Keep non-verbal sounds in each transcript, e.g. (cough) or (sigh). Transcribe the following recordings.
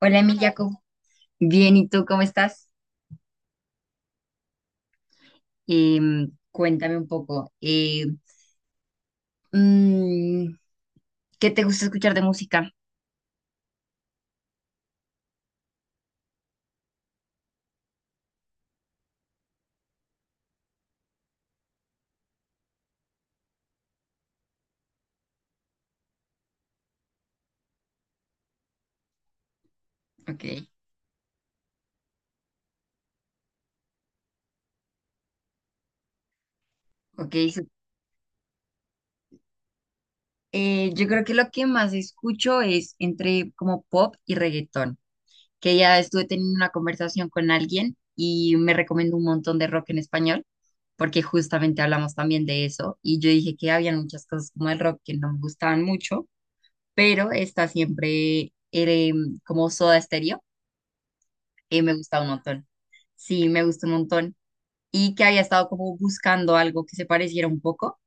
Hola, mi Jacob. Bien, ¿y tú cómo estás? Cuéntame un poco. Mm, ¿Qué te gusta escuchar de música? Ok, ok. Yo creo que lo que más escucho es entre como pop y reggaetón, que ya estuve teniendo una conversación con alguien y me recomendó un montón de rock en español, porque justamente hablamos también de eso y yo dije que había muchas cosas como el rock que no me gustaban mucho, pero está siempre como Soda Stereo. Y me gusta un montón. Sí, me gusta un montón. Y que había estado como buscando algo que se pareciera un poco.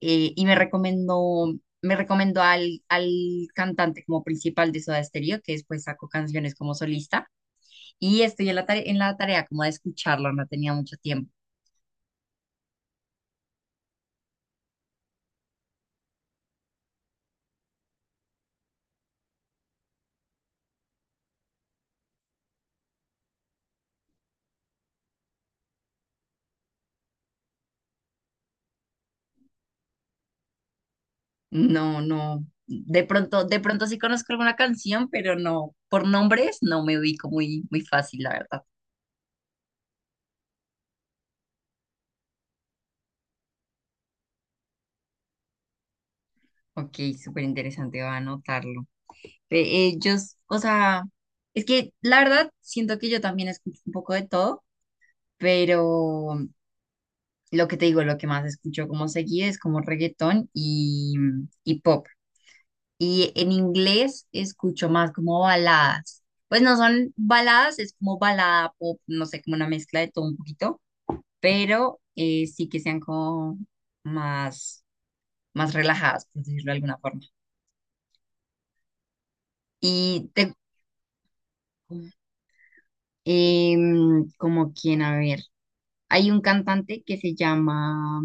Y me recomendó al cantante como principal de Soda Stereo, que después sacó canciones como solista. Y estoy en la tarea como de escucharlo, no tenía mucho tiempo. No, no. De pronto sí conozco alguna canción, pero no, por nombres no me ubico muy, muy fácil, la verdad. Ok, súper interesante, voy a anotarlo. Ve, ellos, o sea, es que la verdad siento que yo también escucho un poco de todo, pero lo que te digo, lo que más escucho como seguido es como reggaetón y pop. Y en inglés escucho más como baladas. Pues no son baladas, es como balada pop, no sé, como una mezcla de todo un poquito, pero sí que sean como más, más relajadas, por decirlo de alguna forma. Y te, como quien, a ver. Hay un cantante que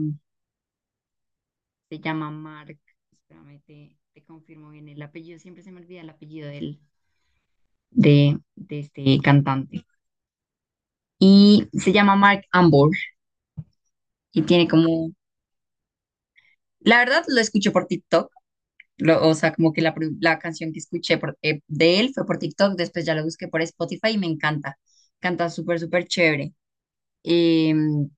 se llama Mark, espérame, te confirmo bien el apellido, siempre se me olvida el apellido de este cantante. Y se llama Mark Ambor y tiene como, la verdad lo escuché por TikTok, o sea, como que la canción que escuché de él fue por TikTok, después ya lo busqué por Spotify y me encanta, canta súper, súper chévere. Em,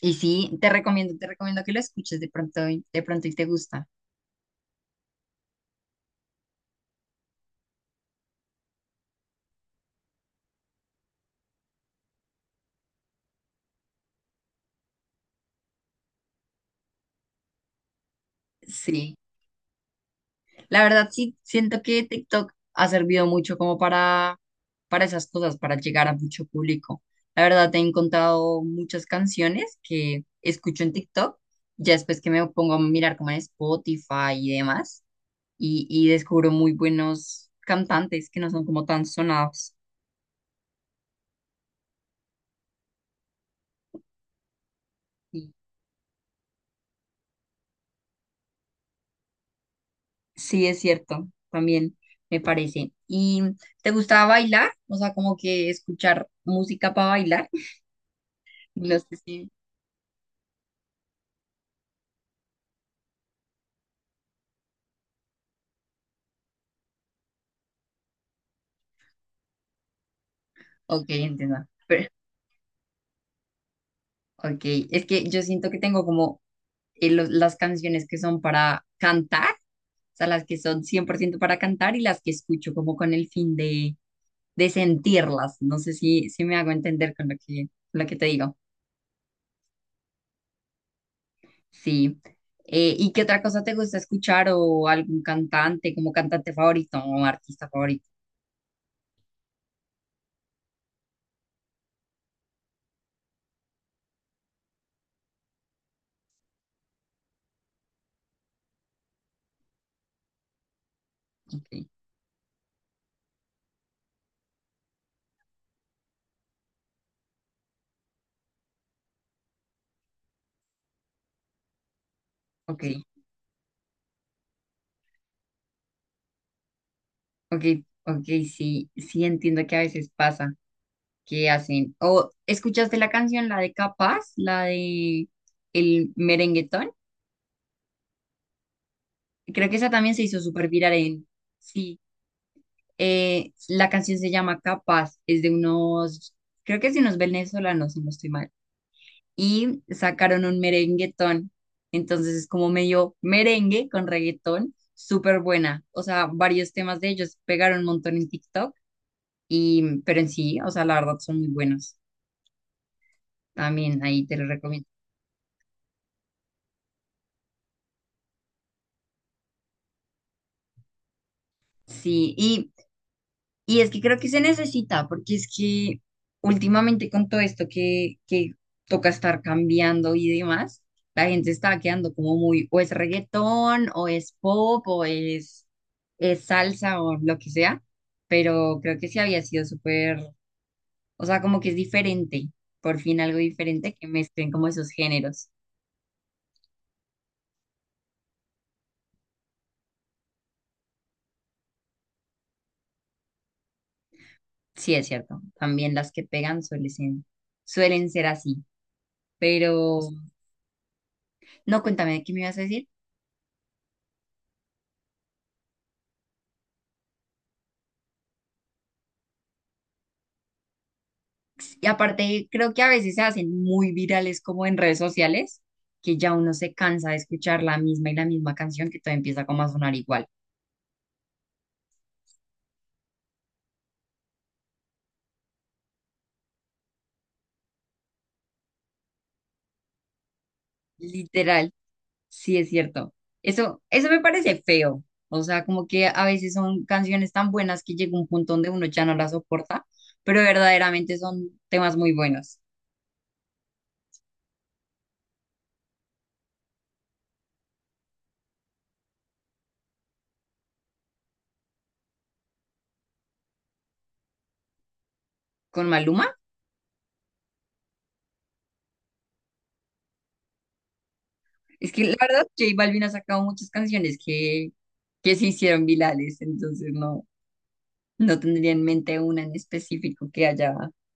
y sí, te recomiendo que lo escuches de pronto, de pronto y te gusta. Sí. La verdad, sí, siento que TikTok ha servido mucho como para esas cosas, para llegar a mucho público. La verdad, he encontrado muchas canciones que escucho en TikTok, ya después que me pongo a mirar como en Spotify y demás, y descubro muy buenos cantantes que no son como tan sonados. Y sí, es cierto, también me parece. ¿Y te gusta bailar? O sea, como que escuchar música para bailar. (laughs) No sé si... Ok, entiendo. Ok, es que yo siento que tengo como las canciones que son para cantar, o sea, las que son 100% para cantar y las que escucho como con el fin de sentirlas. No sé si, si me hago entender con lo que te digo. Sí. ¿Y qué otra cosa te gusta escuchar o algún cantante, como cantante favorito o artista favorito? Ok, ok, ok, ok, sí, sí entiendo que a veces pasa. Que hacen. ¿O escuchaste la canción, la de Capaz, la de el merenguetón? Creo que esa también se hizo súper viral en... Sí, la canción se llama Capaz, es de unos, creo que es de unos venezolanos, si no estoy mal. Y sacaron un merenguetón, entonces es como medio merengue con reggaetón, súper buena. O sea, varios temas de ellos pegaron un montón en TikTok, y, pero en sí, o sea, la verdad son muy buenos. También ahí te lo recomiendo. Sí, y es que creo que se necesita, porque es que últimamente con todo esto que toca estar cambiando y demás, la gente está quedando como muy, o es reggaetón, o es pop, es salsa, o lo que sea, pero creo que sí había sido súper, o sea, como que es diferente, por fin algo diferente que mezclen como esos géneros. Sí, es cierto, también las que pegan suelen, suelen ser así, pero no, cuéntame, ¿qué me ibas a decir? Y aparte, creo que a veces se hacen muy virales como en redes sociales, que ya uno se cansa de escuchar la misma y la misma canción que todo empieza como a sonar igual. Literal, sí es cierto. Eso me parece feo. O sea, como que a veces son canciones tan buenas que llega un punto donde uno ya no las soporta, pero verdaderamente son temas muy buenos. Con Maluma, es que la verdad, J Balvin ha sacado muchas canciones que se hicieron virales, entonces no. No tendría en mente una en específico que haya,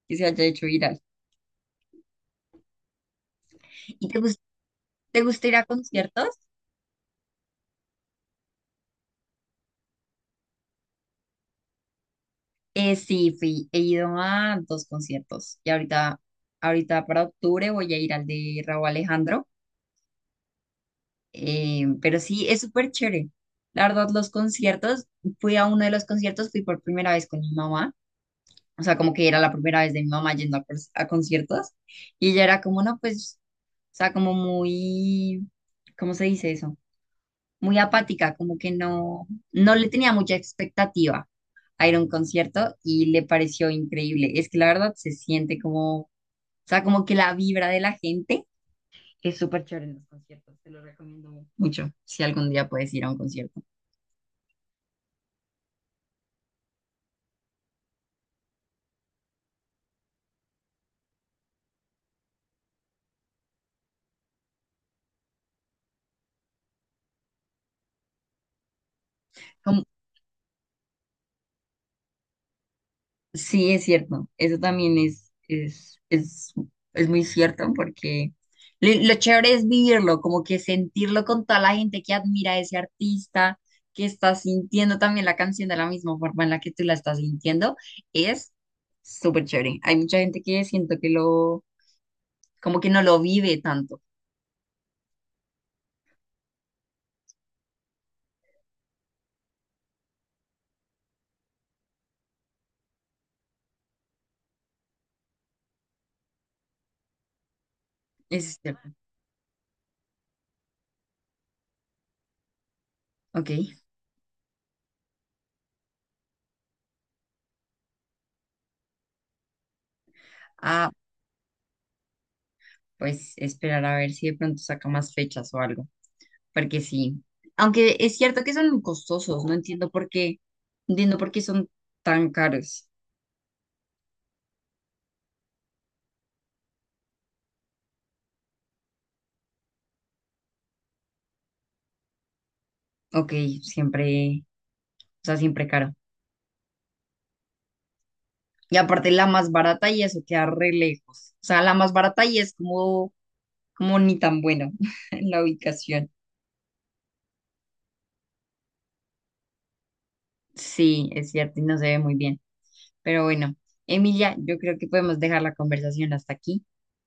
que se haya hecho viral. ¿Y te gusta ir a conciertos? Sí, fui, he ido a 2 conciertos y ahorita, ahorita para octubre voy a ir al de Raúl Alejandro, pero sí, es súper chévere. La verdad, los conciertos, fui a uno de los conciertos, fui por primera vez con mi mamá, o sea, como que era la primera vez de mi mamá yendo a, a conciertos y ella era como, no, pues, o sea, como muy, ¿cómo se dice eso? Muy apática, como que no, no le tenía mucha expectativa a ir a un concierto y le pareció increíble. Es que la verdad se siente como, o sea, como que la vibra de la gente es súper chévere en los conciertos. Te lo recomiendo mucho si algún día puedes ir a un concierto. Como sí, es cierto. Eso también es muy cierto porque lo chévere es vivirlo, como que sentirlo con toda la gente que admira a ese artista, que está sintiendo también la canción de la misma forma en la que tú la estás sintiendo, es súper chévere. Hay mucha gente que siento que lo, como que no lo vive tanto. Eso es cierto. Ok. Ah, pues esperar a ver si de pronto saca más fechas o algo. Porque sí. Aunque es cierto que son costosos, no entiendo por qué, no entiendo por qué son tan caros. Ok, siempre, o sea, siempre caro. Y aparte la más barata y eso queda re lejos. O sea, la más barata y es como, como ni tan bueno (laughs) la ubicación. Sí, es cierto y no se ve muy bien. Pero bueno, Emilia, yo creo que podemos dejar la conversación hasta aquí.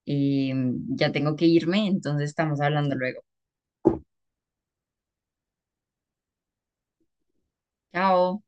Eh, ya tengo que irme, entonces estamos hablando luego. Chao.